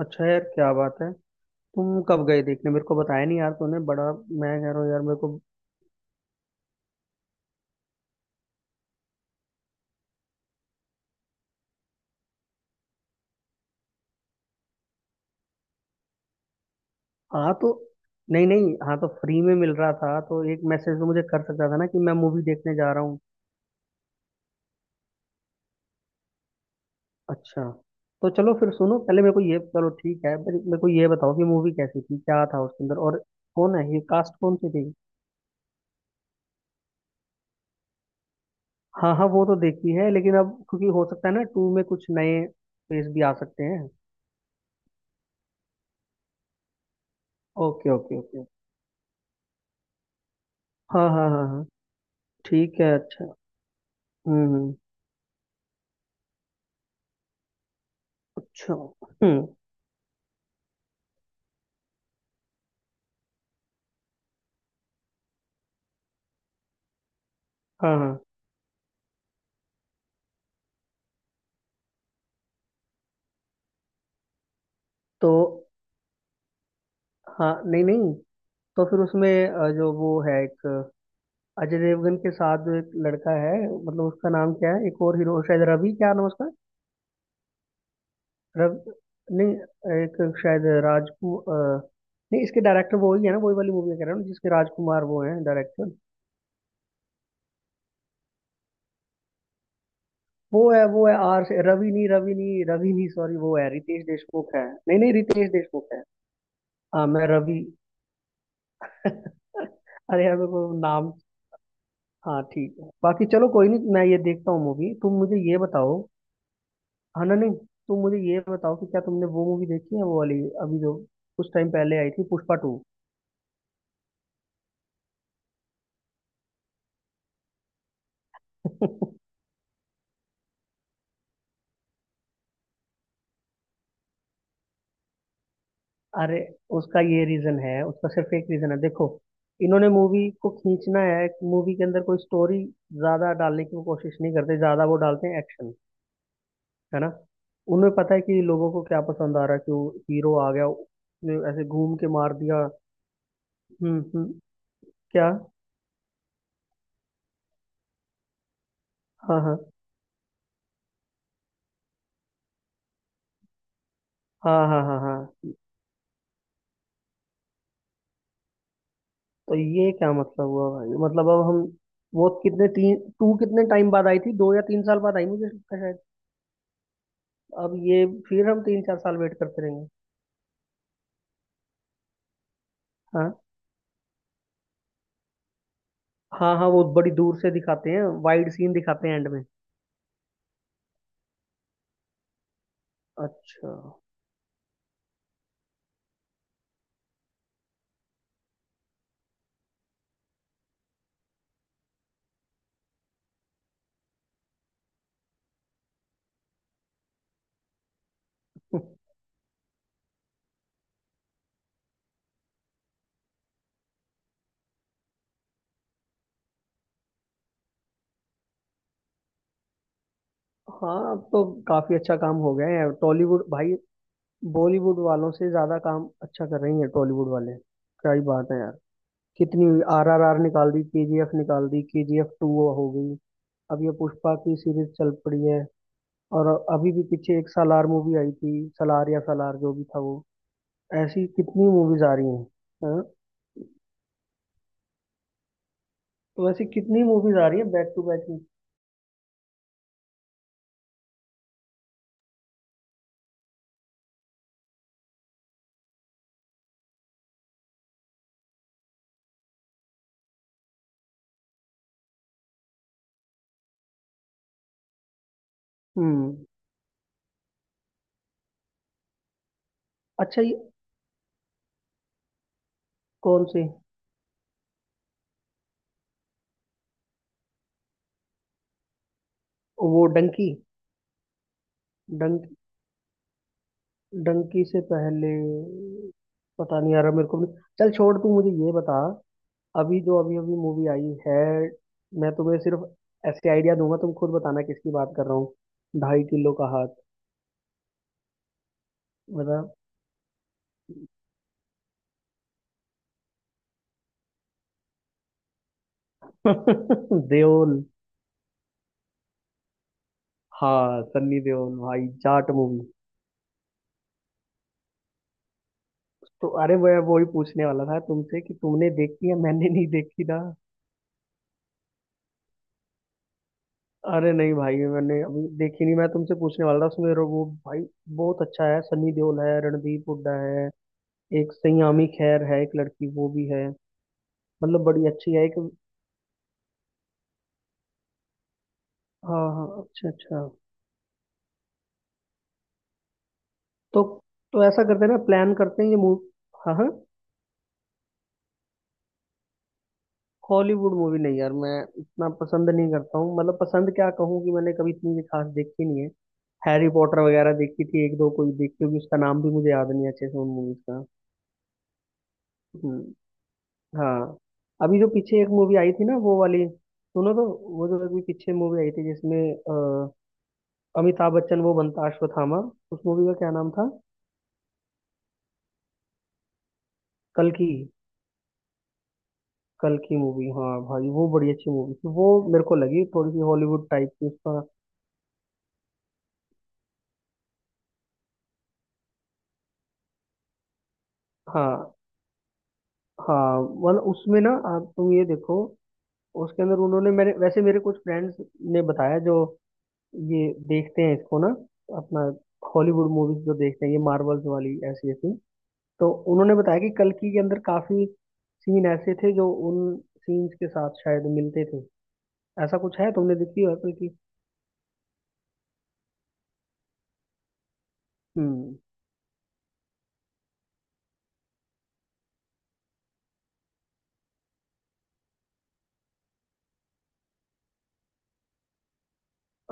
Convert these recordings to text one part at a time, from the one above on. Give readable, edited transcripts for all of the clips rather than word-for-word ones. अच्छा यार, क्या बात है। तुम कब गए देखने? मेरे को बताया नहीं यार तूने। बड़ा मैं कह रहा हूँ यार मेरे को। हाँ तो नहीं नहीं, हाँ तो फ्री में मिल रहा था तो एक मैसेज तो मुझे कर सकता था ना कि मैं मूवी देखने जा रहा हूँ। अच्छा, तो चलो फिर सुनो। पहले मेरे को ये चलो ठीक है, पर मेरे को ये बताओ कि मूवी कैसी थी, क्या था उसके अंदर, और कौन है ये, कास्ट कौन सी थी। हाँ हाँ, वो तो देखी है, लेकिन अब क्योंकि हो सकता है ना, टू में कुछ नए फेस भी आ सकते हैं। Okay okay okay. हाँ हाँ हाँ हाँ। ठीक है, अच्छा। हम्म। अच्छा। हम्म। हाँ हाँ। तो हाँ नहीं नहीं, तो फिर उसमें जो वो है एक, अजय देवगन के साथ जो एक लड़का है, मतलब उसका नाम क्या है, एक और हीरो शायद रवि, क्या नाम है उसका? रवि नहीं, एक, शायद नहीं, इसके डायरेक्टर वो ही है ना, वही वाली मूवी कह रहा हूँ जिसके राजकुमार वो है डायरेक्टर। वो है आर से, रवि नहीं, रवि नहीं, रवि नहीं, सॉरी, वो है रितेश देशमुख है, नहीं नहीं रितेश देशमुख है। हाँ मैं रवि अरे यार मेरे को नाम। हाँ ठीक है बाकी, चलो कोई नहीं, मैं ये देखता हूँ मूवी। तुम मुझे ये बताओ। हाँ ना नहीं, तुम मुझे ये बताओ कि क्या तुमने वो मूवी देखी है, वो वाली, अभी जो कुछ टाइम पहले आई थी, पुष्पा टू। अरे उसका ये रीजन है, उसका सिर्फ एक रीजन है, देखो, इन्होंने मूवी को खींचना है। मूवी के अंदर कोई स्टोरी ज्यादा डालने की वो कोशिश नहीं करते, ज्यादा वो डालते हैं एक्शन, है ना। उन्हें पता है कि लोगों को क्या पसंद आ रहा है, कि वो हीरो आ गया, उसने ऐसे घूम के मार दिया। हम्म। क्या। हाँ हाँ हाँ हाँ हाँ हाँ। तो ये क्या मतलब हुआ भाई, मतलब अब हम, वो कितने, तीन, टू कितने टाइम बाद आई थी, दो या तीन साल बाद आई मुझे लगता है शायद। अब ये फिर हम तीन चार साल वेट करते रहेंगे। हाँ हाँ। हाँ वो बड़ी दूर से दिखाते हैं, वाइड सीन दिखाते हैं एंड में। अच्छा। हाँ अब तो काफी अच्छा काम हो गया है टॉलीवुड भाई। बॉलीवुड वालों से ज्यादा काम अच्छा कर रही है टॉलीवुड वाले। क्या ही बात है यार। कितनी, आर आर आर निकाल दी, के जी एफ निकाल दी, के जी एफ टू हो गई। अब ये पुष्पा की सीरीज चल पड़ी है। और अभी भी पीछे एक सालार मूवी आई थी, सालार या सालार जो भी था वो। ऐसी कितनी मूवीज आ रही हैं। हाँ? तो ऐसी कितनी मूवीज आ रही है बैक टू बैक में। हम्म। अच्छा ये, कौन से? वो डंकी, डंक डंकी से पहले। पता नहीं यार मेरे को भी। चल छोड़, तू मुझे ये बता, अभी जो अभी अभी मूवी आई है, मैं तुम्हें सिर्फ ऐसे आइडिया दूंगा, तुम खुद बताना किसकी बात कर रहा हूँ। ढाई किलो का हाथ। बता। देओल। हाँ सन्नी देओल भाई, जाट मूवी। तो अरे मैं वही पूछने वाला था तुमसे कि तुमने देखी है, मैंने नहीं देखी ना। अरे नहीं भाई मैंने अभी देखी नहीं, मैं तुमसे पूछने वाला था। उसमें वो भाई बहुत अच्छा है, सनी देओल है, रणदीप हुड्डा है। एक सयामी खैर है, एक लड़की वो भी है। मतलब बड़ी अच्छी है एक। हाँ हाँ अच्छा अच्छा। तो तो ऐसा करते हैं ना, प्लान करते हैं ये मूवी। हाँ हाँ। हॉलीवुड मूवी नहीं यार मैं इतना पसंद नहीं करता हूँ, मतलब पसंद क्या कहूँ कि मैंने कभी इतनी भी खास देखी नहीं है। हैरी पॉटर वगैरह देखी थी, एक दो कोई देखी होगी, उसका नाम भी मुझे याद नहीं है अच्छे से, उन मूवीज का। हम्म। हाँ। अभी जो पीछे एक मूवी आई थी ना, वो वाली सुनो तो। वो जो अभी पीछे मूवी आई थी, जिसमें अमिताभ बच्चन वो बनता अश्वत्थामा, उस मूवी का क्या नाम था। कल की, कल की मूवी, हाँ भाई वो बड़ी अच्छी मूवी थी वो। मेरे को लगी थोड़ी सी हॉलीवुड टाइप की उसका। हाँ हाँ, मतलब उसमें ना, आप तुम ये देखो, उसके अंदर उन्होंने, मेरे वैसे मेरे कुछ फ्रेंड्स ने बताया, जो ये देखते हैं इसको ना, अपना हॉलीवुड मूवीज जो देखते हैं, ये मार्वल्स वाली ऐसी ऐसी, तो उन्होंने बताया कि कल्कि के अंदर काफी सीन ऐसे थे जो उन सीन्स के साथ शायद मिलते थे। ऐसा कुछ है? तुमने देखी है कल्कि? हम्म।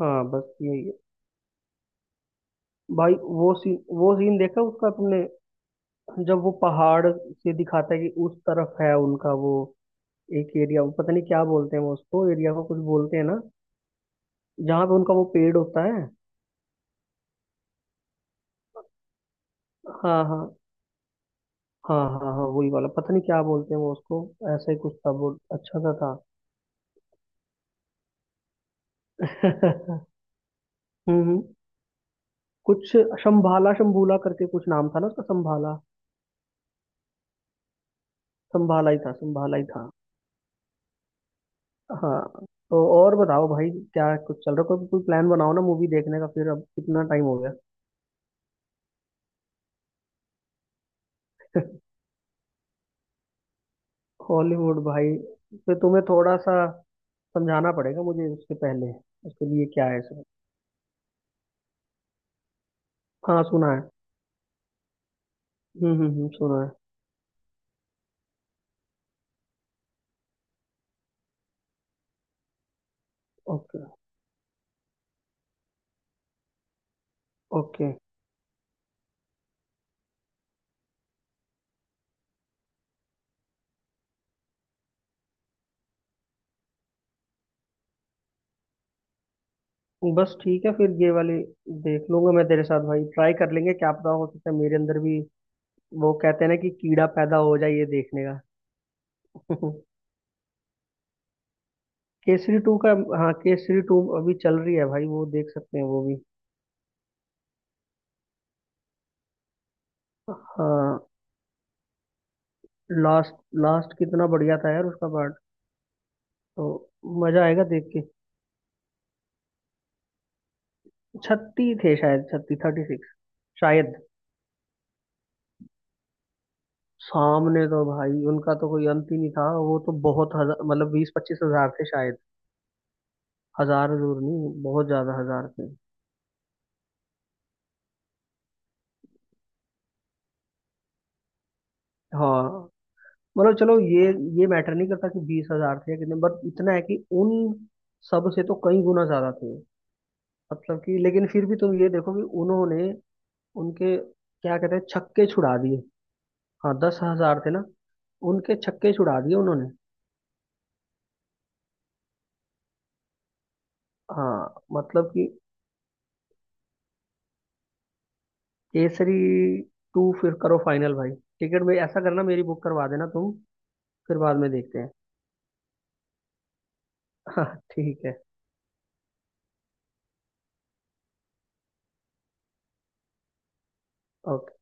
हाँ बस यही है। भाई वो सीन देखा उसका तुमने, जब वो पहाड़ से दिखाता है कि उस तरफ है उनका वो, एक एरिया, वो पता नहीं क्या बोलते हैं वो उसको, एरिया को कुछ बोलते हैं ना, जहाँ पे उनका वो पेड़ होता है। हाँ हाँ। हाँ हाँ हाँ वही वाला, पता नहीं क्या बोलते हैं वो उसको। ऐसा ही कुछ था, वो अच्छा सा था। हम्म हम्म। कुछ शंभाला शंभूला करके कुछ नाम था ना उसका, संभाला। संभाला ही था, संभाला ही था। हाँ। तो और बताओ भाई, क्या कुछ चल रहा है? कोई कोई प्लान बनाओ ना मूवी देखने का फिर, अब कितना टाइम हो गया। हॉलीवुड भाई, फिर तुम्हें थोड़ा सा समझाना पड़ेगा मुझे उसके पहले। उसके लिए क्या है सर। हाँ सुना है। हुँ, हुँ, हुँ, सुना है। Okay, okay. बस ठीक है फिर ये वाली देख लूँगा मैं तेरे साथ भाई, ट्राई कर लेंगे, क्या पता हो सकता है मेरे अंदर भी वो कहते हैं ना कि कीड़ा पैदा हो जाए ये देखने का। केसरी 2 का? हाँ, केसरी 2 अभी चल रही है भाई, वो देख सकते हैं वो भी। हाँ, लास्ट, लास्ट कितना बढ़िया था यार उसका पार्ट, तो मजा आएगा देख के। 36 थे शायद, 36, 36 शायद। सामने तो भाई उनका तो कोई अंत ही नहीं था, वो तो बहुत हज़ा मतलब 20-25 हज़ार थे शायद। हजार जरूर नहीं, बहुत ज्यादा हजार थे। हाँ मतलब चलो ये मैटर नहीं करता कि बीस हजार थे या कितने, बट इतना है कि उन सब से तो कई गुना ज्यादा थे। मतलब कि लेकिन फिर भी तुम ये देखो कि उन्होंने उनके क्या कहते हैं, छक्के छुड़ा दिए। हाँ दस हजार थे ना। उनके छक्के छुड़ा दिए उन्होंने। हाँ मतलब कि, केसरी टू फिर करो फाइनल भाई। टिकट में ऐसा करना मेरी बुक करवा देना तुम। फिर बाद में देखते हैं। हाँ, ठीक है okay।